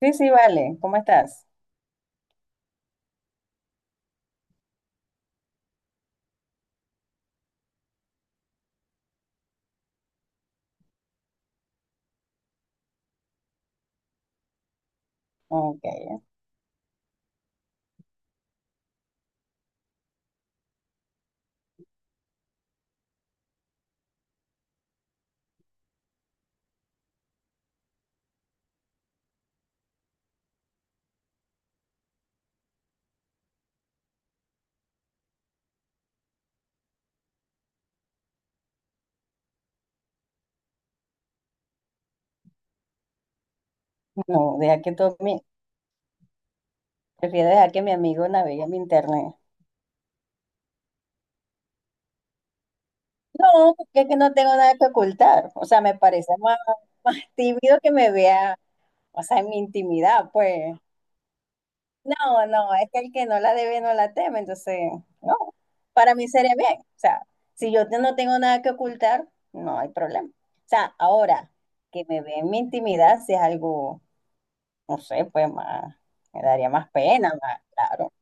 Sí, sí, vale. ¿Cómo estás? Ok. No, deja que tú mi... Prefiero dejar que mi amigo navegue mi internet. No, porque es que no tengo nada que ocultar. O sea, me parece más, más tímido que me vea, o sea, en mi intimidad, pues. No, no, es que el que no la debe no la teme, entonces, no. Para mí sería bien. O sea, no tengo nada que ocultar, no hay problema. O sea, ahora que me ve en mi intimidad, si es algo, no sé, pues más, me daría más pena, más, claro.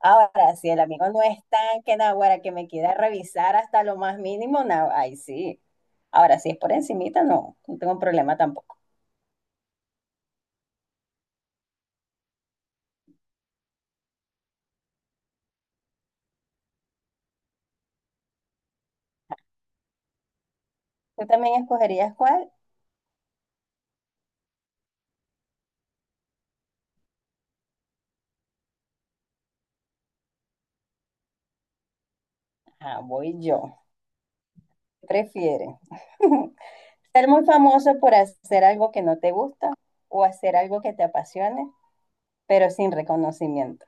Ahora, si el amigo no es tan que naguará que me quiera revisar hasta lo más mínimo, nah, ay sí. Ahora, si es por encimita, no, no tengo problema tampoco. ¿Tú también escogerías cuál? Ah, voy yo. ¿Qué prefieres? ¿Ser muy famoso por hacer algo que no te gusta o hacer algo que te apasione, pero sin reconocimiento?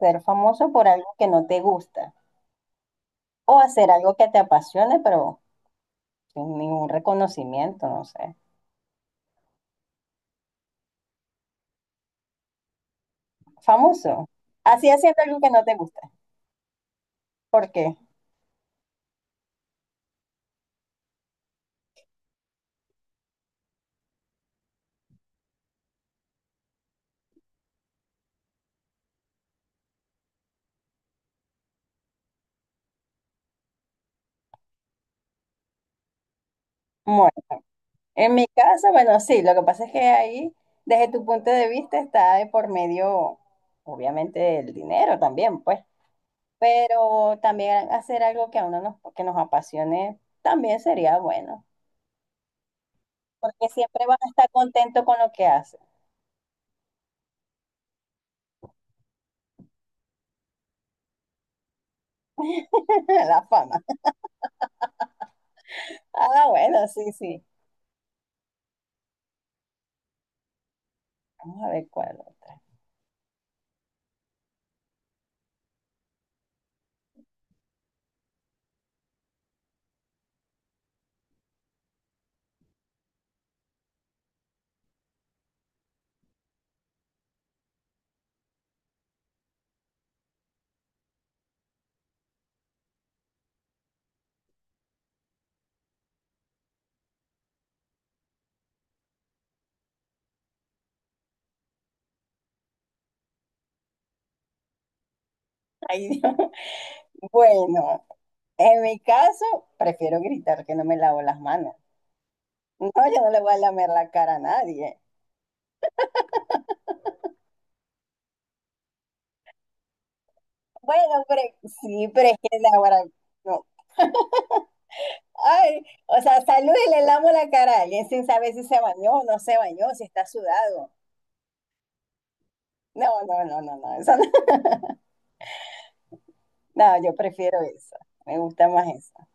Ser famoso por algo que no te gusta o hacer algo que te apasione, pero sin ningún reconocimiento, no sé. Famoso. Así haciendo algo que no te gusta. ¿Por qué? Bueno, en mi caso, bueno, sí, lo que pasa es que ahí, desde tu punto de vista, está de por medio, obviamente, el dinero también, pues, pero también hacer algo que que nos apasione también sería bueno, porque siempre vas a estar contento con lo que haces, la fama. Ah, bueno, sí, sí. Vamos a ver cuál otra. Ay, Dios. Bueno, en mi caso, prefiero gritar que no me lavo las manos. No, yo no le voy a lamer la cara a nadie. Bueno, pero sí, pero es que ahora no. Ay, o sea, salud y le lamo la cara a alguien sin saber si se bañó o no se bañó, si está sudado. No, no, no, no, no, eso no. No, yo prefiero eso. Me gusta más eso.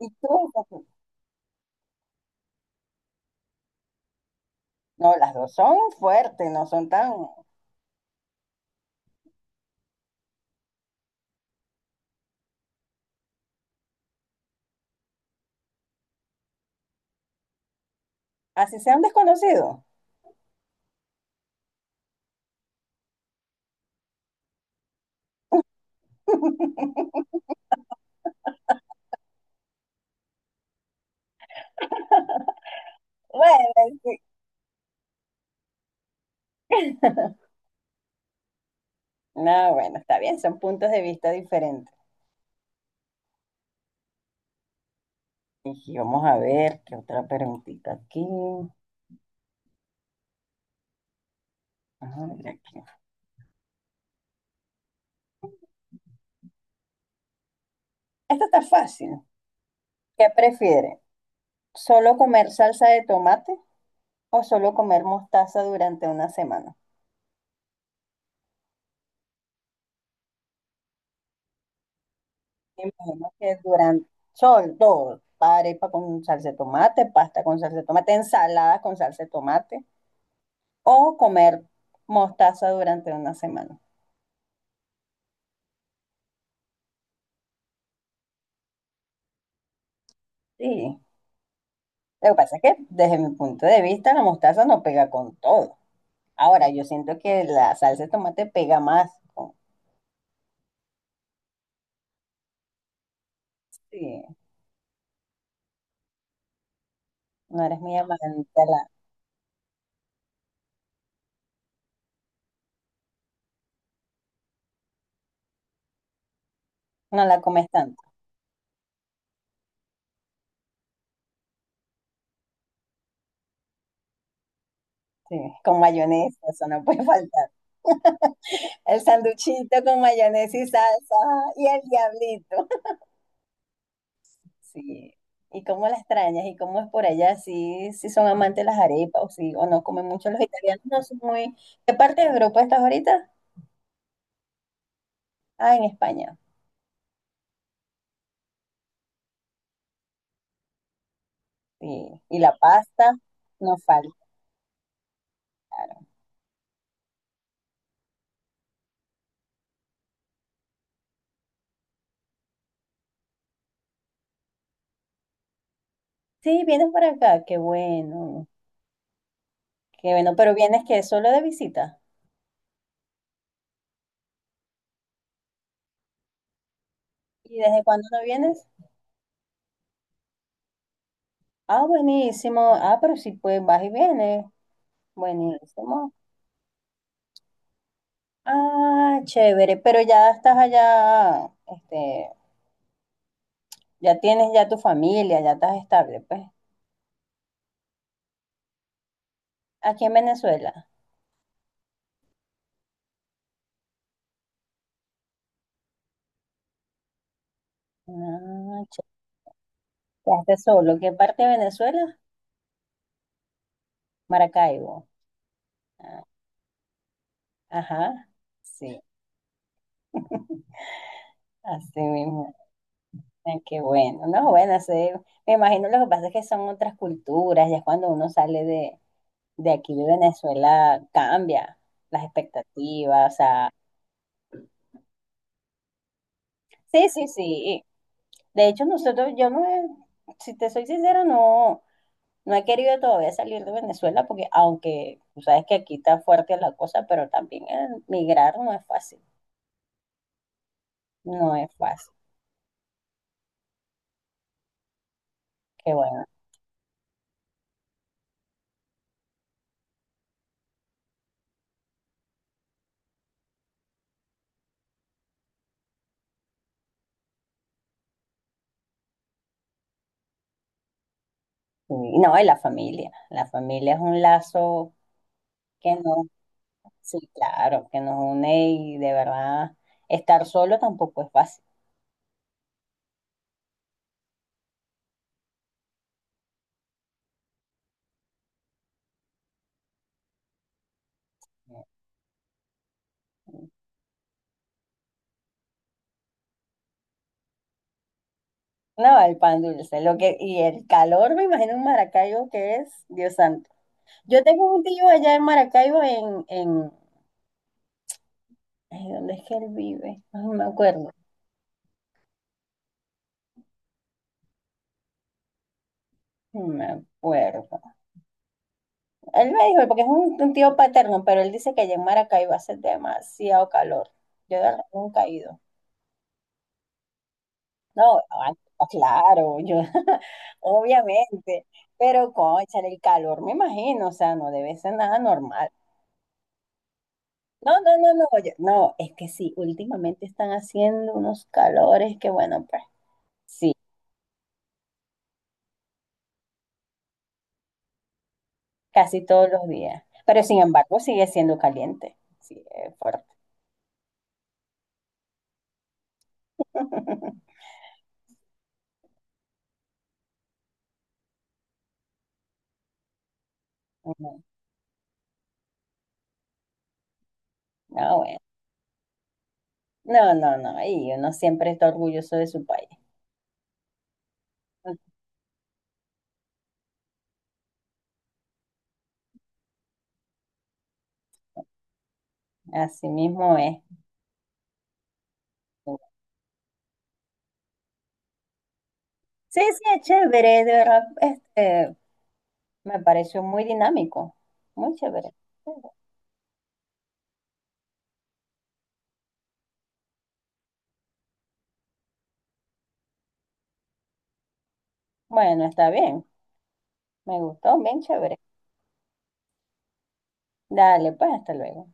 Tú. No, las dos son fuertes, no son tan. Así sean desconocidos. Bueno, no, bueno, está bien, son puntos de vista diferentes. Y vamos a ver qué otra preguntita aquí. Ajá, mira aquí. Esta está fácil. ¿Qué prefiere? ¿Solo comer salsa de tomate o solo comer mostaza durante una semana? Me imagino que durante sol, todo, arepa con salsa de tomate, pasta con salsa de tomate, ensalada con salsa de tomate, o comer mostaza durante una semana. Sí, lo que pasa es que desde mi punto de vista la mostaza no pega con todo. Ahora, yo siento que la salsa de tomate pega más. Sí, no eres muy amante, no la comes tanto. Sí, con mayonesa, eso no puede faltar. El sanduchito con mayonesa y salsa y el diablito. Sí. ¿Y cómo las extrañas? ¿Y cómo es por allá? ¿Sí, sí son amantes de las arepas o, sí, o no comen mucho los italianos? No son muy... ¿Qué parte de Europa estás ahorita? Ah, en España. Sí. Y la pasta no falta. Claro. Sí, vienes por acá. Qué bueno. Qué bueno. Pero vienes que solo de visita. ¿Y desde cuándo no vienes? Ah, buenísimo. Ah, pero sí, pues vas y vienes. Buenísimo. Ah, chévere, pero ya estás allá, este, ya tienes ya tu familia, ya estás estable, pues. Aquí en Venezuela. Ah, chévere. Quedaste solo. ¿Qué parte de Venezuela? Maracaibo. Ajá. Sí, así mismo. Ah, qué bueno. No, bueno, sí, me imagino lo que pasa es que son otras culturas, ya cuando uno sale de aquí de Venezuela cambia las expectativas, o sea, sí, sí, sí. De hecho, nosotros, yo no, he- si te soy sincera, no. No he querido todavía salir de Venezuela porque aunque tú sabes que aquí está fuerte la cosa, pero también migrar no es fácil, no es fácil. Qué bueno. Y no, y la familia. La familia es un lazo que no, sí, claro, que nos une y de verdad estar solo tampoco es fácil. No, el pan dulce, lo que, y el calor, me imagino en Maracaibo que es, Dios santo. Yo tengo un tío allá en Maracaibo en, ay, ¿dónde es que él vive? Ay, no me acuerdo, no me acuerdo. Él me dijo, porque es un tío paterno, pero él dice que allá en Maracaibo hace demasiado calor. Yo de verdad nunca he ido. No, ah, no, claro, yo, obviamente. Pero, cónchale, el calor, me imagino, o sea, no debe ser nada normal. No, no, no, no, oye, no, es que sí, últimamente están haciendo unos calores que, bueno, pues sí, casi todos los días. Pero sin embargo, sigue siendo caliente. Sí, es fuerte. No, bueno. No, no, no, y uno siempre está orgulloso de su país. Así mismo es. Sí, sí, es chévere, de verdad, este, me pareció muy dinámico, muy chévere. Bueno, está bien, me gustó, bien chévere. Dale, pues, hasta luego.